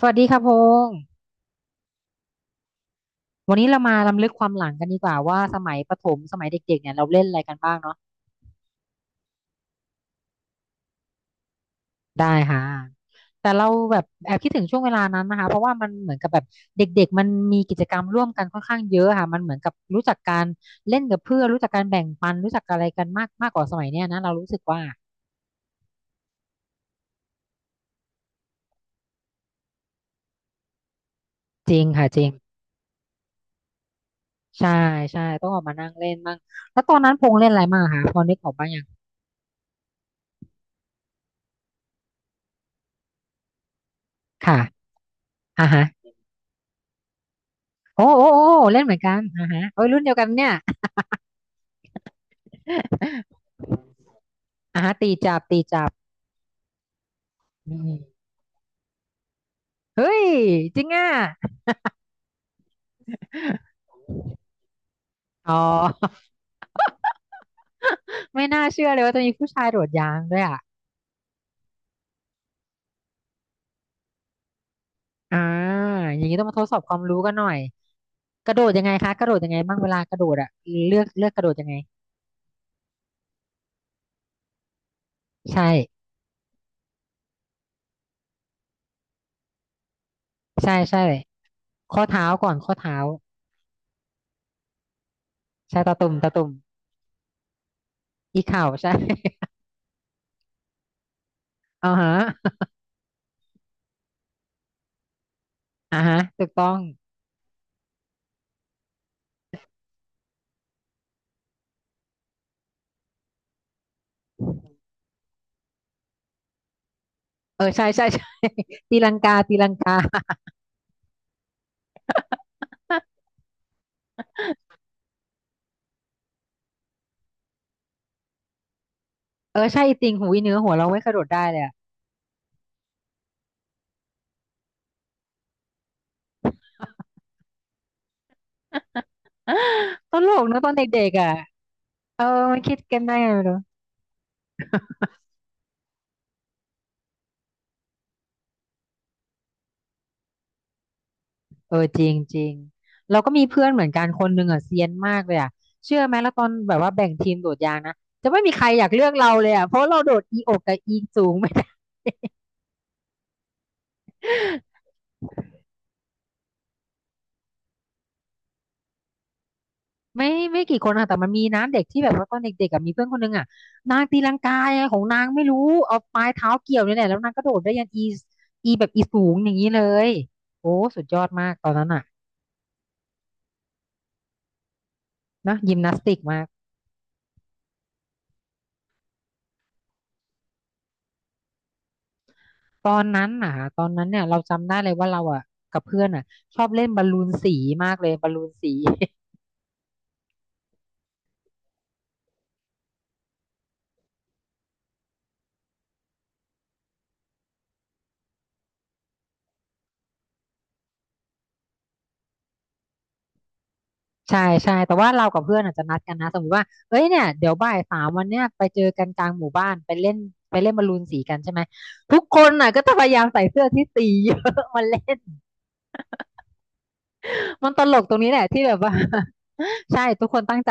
สวัสดีค่ะพงษ์วันนี้เรามารำลึกความหลังกันดีกว่าว่าสมัยประถมสมัยเด็กๆเนี่ยเราเล่นอะไรกันบ้างเนาะได้ค่ะแต่เราแบบแอบคิดถึงช่วงเวลานั้นนะคะเพราะว่ามันเหมือนกับแบบเด็กๆมันมีกิจกรรมร่วมกันค่อนข้างเยอะค่ะมันเหมือนกับรู้จักการเล่นกับเพื่อนรู้จักการแบ่งปันรู้จักอะไรกันมากมากกว่าสมัยเนี้ยนะเรารู้สึกว่าจริงค่ะจริงใช่ใช่ต้องออกมานั่งเล่นบ้างแล้วตอนนั้นพงษ์เล่นอะไรมางคะพอนึกออกบ้างยังค่ะอ่าฮะโอ้โอ้โอ้เล่นเหมือนกันอ่าฮะโอ้ยรุ่นเดียวกันเนี่ย อ่าตีจับตีจับอืมเฮ้ยจริงอ่ะอ๋อ ไม่น่าเชื่อเลยว่าจะมีผู้ชายโดดยางด้วยอ่ะอ่าอย่างนี้ต้องมาทดสอบความรู้กันหน่อยกระโดดยังไงคะกระโดดยังไงบ้างเวลากระโดดอ่ะเลือกกระโดดยังไงใช่ใช่ใช่ข้อเท้าก่อนข้อเท้าใช่ตาตุ่มตาตุ่มอีเข่าใช่ อ่าฮะอ่าฮะถูกต้องเออใช่ใช่ใช่ ตีลังกาตีลังกา เออใช่จริงหูยเนื้อหัวเราไม่กระโดดได้เลยอะ ตลกนะตอนเด็กๆอ่ะเออมันคิดกันได้ไงไม่รู้เออจริงจริงเราก็มีเพื่อนเหมือนกันคนหนึ่งอ่ะเซียนมากเลยอ่ะเชื่อไหมแล้วตอนแบบว่าแบ่งทีมโดดยางนะจะไม่มีใครอยากเลือกเราเลยอ่ะเพราะเราโดดอีอกกับอีสูงไม่ได้ ไม่กี่คนอ่ะแต่มันมีนะเด็กที่แบบว่าตอนเด็กๆอ่ะมีเพื่อนคนหนึงอ่ะนางตีลังกาไงของนางไม่รู้เอาปลายเท้าเกี่ยวเนี่ยแหละแล้วนางก็โดดได้ยันอีอีแบบอีสูงอย่างนี้เลยโอ้สุดยอดมากตอนนั้นอ่ะนะยิมนาสติกมาก ตอนนั้นน่ะตอนนั้นเนี่ยเราจำได้เลยว่าเราอ่ะกับเพื่อนอ่ะชอบเล่นบอลลูนสีมากเลยบอลลูนสี ใช่ใช่แต่ว่าเรากับเพื่อนอาจจะนัดกันนะสมมติว่าเอ้ยเนี่ยเดี๋ยวบ่าย 3วันเนี้ยไปเจอกันกลางหมู่บ้านไปเล่นไปเล่นบอลลูนสีกันใช่ไหมทุกคนน่ะก็จะพยายามใส่เสื้อที่สีเยอะ มาเล่นมันตลกตรงนี้แหละที่แบบว่า ใช่ทุกคนตั้งใจ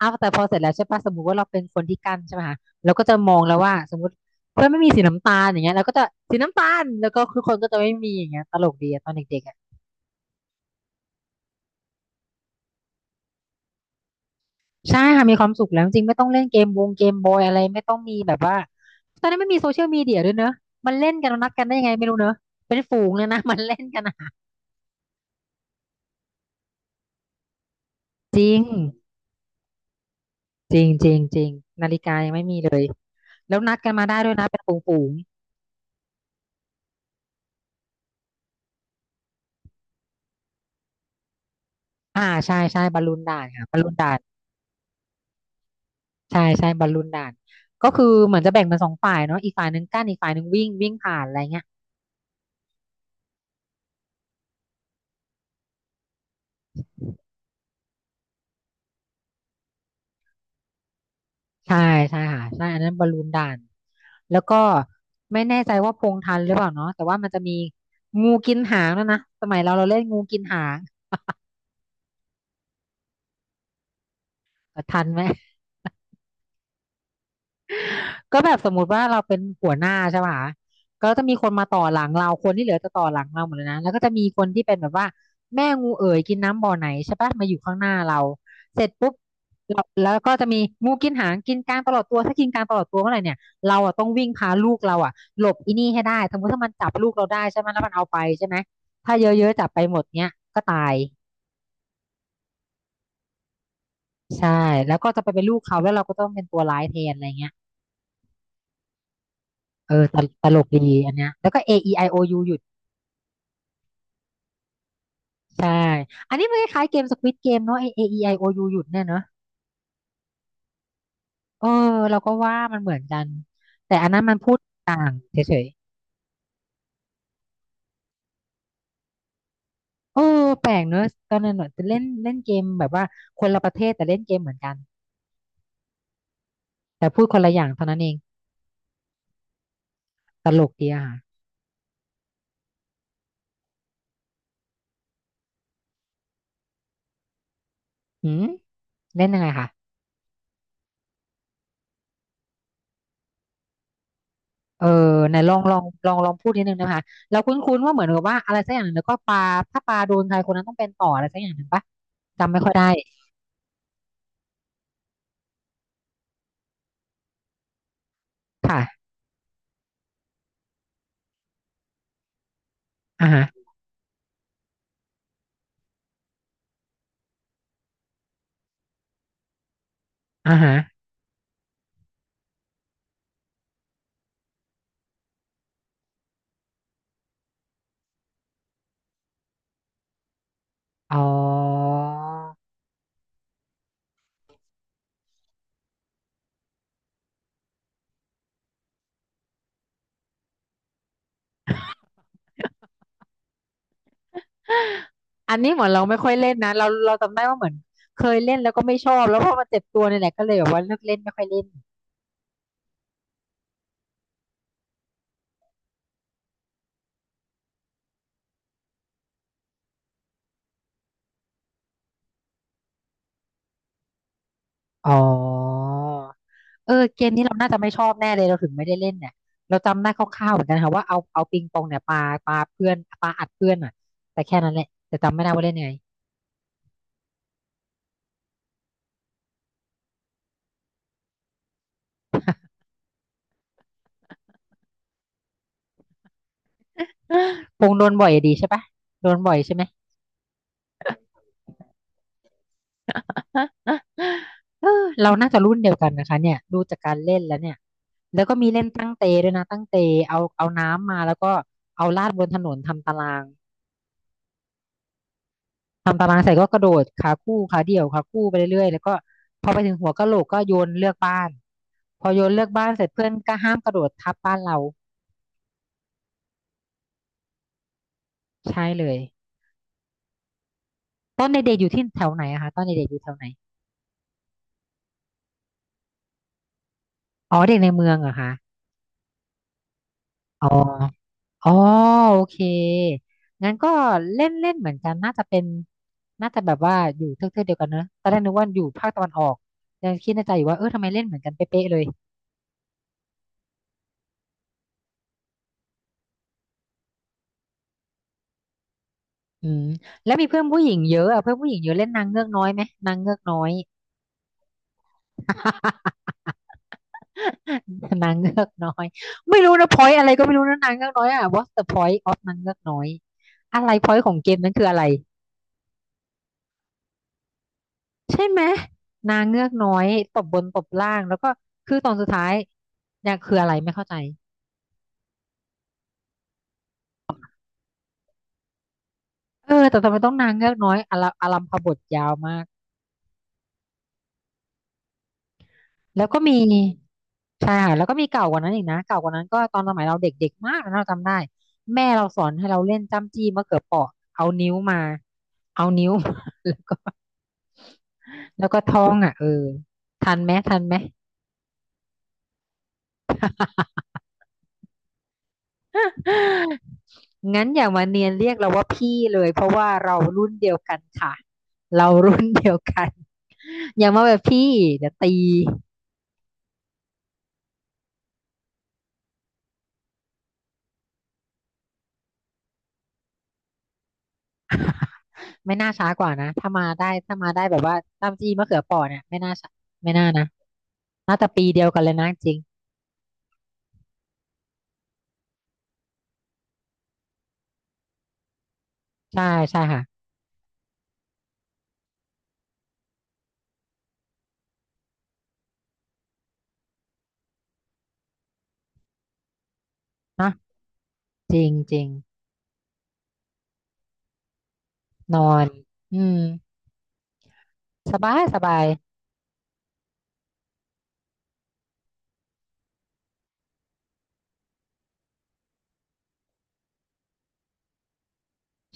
อ้าวแต่พอเสร็จแล้วใช่ปะสมมุติว่าเราเป็นคนที่กั้นใช่ไหมคะเราก็จะมองแล้วว่าสมมติเพื่อนไม่มีสีน้ำตาลอย่างเงี้ยเราก็จะสีน้ำตาลแล้วก็ทุกคนก็จะไม่มีอย่างเงี้ยตลกดีอะตอนเด็กๆอะใช่ค่ะมีความสุขแล้วจริงๆไม่ต้องเล่นเกมวงเกมบอยอะไรไม่ต้องมีแบบว่าตอนนั้นไม่มีโซเชียลมีเดียด้วยเนอะมันเล่นกันนนัดกันได้ยังไงไม่รู้เนอะเป็นฝูงเลยนะ มันเล่นกันอะจริงจริงจริงจริงนาฬิกายังไม่มีเลยแล้วนัดกันมาได้ด้วยนะเป็นฝูงๆอ่าใช่ใช่บอลลูนด่านค่ะบอลลูนด่าน ใช่ใช่บอลลูนด่านก็คือเหมือนจะแบ่งเป็นสองฝ่ายเนาะอีกฝ่ายหนึ่งกั้นอีกฝ่ายหนึ่งวิ่งวิ่งผ่านอะไรเงี้ยใช่ใช่ค่ะใช่อันนั้นบอลลูนด่านแล้วก็ไม่แน่ใจว่าพงทันหรือเปล่าเนาะแต่ว่ามันจะมีงูกินหางด้วยนะสมัยเราเล่นงูกินหางเออทันไหม ก็แบบสมมุติว่าเราเป็นหัวหน้าใช่ป่ะคะก็จะมีคนมาต่อหลังเราคนที่เหลือจะต่อหลังเราหมดเลยนะแล้วก็จะมีคนที่เป็นแบบว่าแม่งูเอ๋ยกินน้ำบ่อไหนใช่ป่ะมาอยู่ข้างหน้าเราเสร็จปุ๊บเราแล้วก็จะมีงูกินหางกินกลางตลอดตัวถ้ากินกลางตลอดตัวเมื่อไหร่เนี่ยเราอ่ะต้องวิ่งพาลูกเราอ่ะหลบอีนี่ให้ได้สมมติถ้ามันจับลูกเราได้ใช่ไหมแล้วมันเอาไปใช่ไหมถ้าเยอะๆจับไปหมดเนี้ยก็ตายใช่แล้วก็จะไปเป็นลูกเขาแล้วเราก็ต้องเป็นตัวร้ายแทนอะไรเงี้ยเออตลกดีอันเนี้ยแล้วก็ A E I O U อโอยูอยู่ ใช่ อันนี้มันคล้ายๆเกมสควิดเกมเนาะ A E I O U หยุดเนี่ยเนาะเออเราก็ว่ามันเหมือนกัน แต่อันนั้นมันพูดต่างเฉยๆ เออแปลกเนอะตอนนั้นเนอะเล่นเล่นเกมแบบว่าคนละประเทศแต่เล่นเกมเหมือนกันแต่พูดคนละอย่างเท่านั้นเอง ตลกดีอะค่ะหืมเล่นยังไงคะเออไหนลองพูดนิดนึงนะคะเราคุ้นๆว่าเหมือนกับว่าอะไรสักอย่างหนึ่งแล้วก็ปลาถ้าปลาโดนใครคนนั้นต้องเป็นต่ออะไรสักอย่างหนึ่งปะจำไม่ค่อยได้ค่ะอ่าฮะอ่าฮะอ๋อ อันนี้เหมือนเราไม่ค่อยเล่นนะเราจำได้ว่าเหมือนเคยเล่นแล้วก็ไม่ชอบแล้วพอมาเจ็บตัวเนี่ยแหละก็เลยแบบว่าเลิกเล่นไม่ค่อยเล่นอ๋อเออเกมนี้เราน่าจะไม่ชอบแน่เลยเราถึงไม่ได้เล่นเนี่ยเราจำได้คร่าวๆเหมือนกันค่ะว่าเอาปิงปองเนี่ยปาปาเพื่อนปาอัดเพื่อนอ่ะแต่แค่นั้นแหละแต่จำไม่ได้ว่าเล่นยังไง ปงโดนบ่อยอะดีใช่ปะโดนบ่อยใช่ไหม เออเราน่าจะรุ่นเดียวกันนะคะเนี่ยดูจากการเล่นแล้วเนี่ยแล้วก็มีเล่นตั้งเตด้วยนะตั้งเตเอาน้ำมาแล้วก็เอาลาดบนถนนทำตารางทำตารางใส่ก็กระโดดขาคู่ขาเดี่ยวขาคู่ไปเรื่อยๆแล้วก็พอไปถึงหัวกะโหลกก็โยนเลือกบ้านพอโยนเลือกบ้านเสร็จเพื่อนก็ห้ามกระโดดทับบ้านเราใช่เลยตอนเด็กๆอยู่ที่แถวไหนอะคะตอนเด็กๆอยู่แถวไหนอ๋อเด็กในเมืองเหรอะคะอ๋อ อ๋อโอเคงั้นก็เล่นเล่นเหมือนกันน่าจะเป็นน่าจะแบบว่าอยู่เทือกๆเดียวกันเนอะตอนแรกนึกว่าอยู่ภาคตะวันออกยังคิดในใจอยู่ว่าเออทำไมเล่นเหมือนกันเป๊ะๆเลยอืมแล้วมีเพื่อนผู้หญิงเยอะอะเพื่อนผู้หญิงเยอะเล่นนางเงือกน้อยไหมนางเงือกน้อย นางเงือกน้อยไม่รู้นะพอยอะไรก็ไม่รู้นะนางเงือกน้อยอะ What's the point of นางเงือกน้อยอะไรพอยของเกมนั้นคืออะไรใช่ไหมนางเงือกน้อยตบบนตบล่างแล้วก็คือตอนสุดท้ายเนี่ยคืออะไรไม่เข้าใจ เออแต่ทำไมต้องนางเงือกน้อยอลัอลัมพบทยาวมากแล้วก็มีใช่ค่ะแล้วก็มีเก่ากว่านั้นอีกนะเก่ากว่านั้นก็ตอนสมัยเราเด็กๆมากนะเราจำได้แม่เราสอนให้เราเล่นจ้ำจี้มะเขือเปราะเอานิ้วมาเอานิ้ว แล้วก็แล้วก็ท้องอ่ะเออทันไหมทันไหม งั้นอย่ามาเนียนเรียกเราว่าพี่เลยเพราะว่าเรารุ่นเดียวกันค่ะเรารุ่นเดียวกันอย่ามาแบบพี่เดี๋ยวตี ไม่น่าช้ากว่านะ ถ้ามาได้ถ้ามาได้แบบว่าต้มจีมะเขือเปอเนี่ยไม่น่าช้าไม่น่านะ น่าจะปีเดียวกันเลยนะจริง ใช่ใช่ค่ะเนะจริงจริงนอน อืมสบายสบาย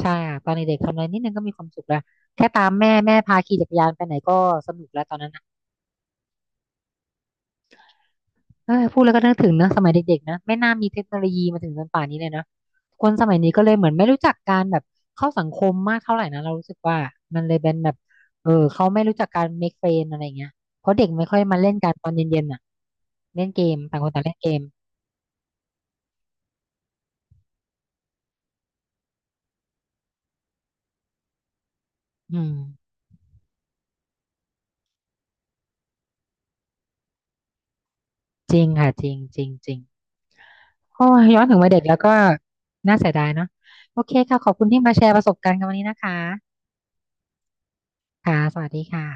ใช่ค่ะตอนเด็กๆทำอะไรนิดนึงก็มีความสุขแล้วแค่ตามแม่แม่พาขี่จักรยานไปไหนก็สนุกแล้วตอนนั้น เออพูดแล้วก็นึกถึงเนอะสมัยเด็กๆนะไม่น่ามีเทคโนโลยีมาถึงจนป่านนี้เลยนะคนสมัยนี้ก็เลยเหมือนไม่รู้จักการแบบเข้าสังคมมากเท่าไหร่นะเรารู้สึกว่ามันเลยเป็นแบบเออเขาไม่รู้จักการ make friend อะไรเงี้ยเพราะเด็กไม่ค่อยมาเล่นกันตอนเย็นๆอ่ะเล่นเกมต่างคนต่างเล่นเกมอืมจริงค่ะจริงจริงจริงโอ้ยย้อนถึงวัยเด็กแล้วก็น่าเสียดายเนาะโอเคค่ะขอบคุณที่มาแชร์ประสบการณ์กันวันนี้นะคะค่ะสวัสดีค่ะ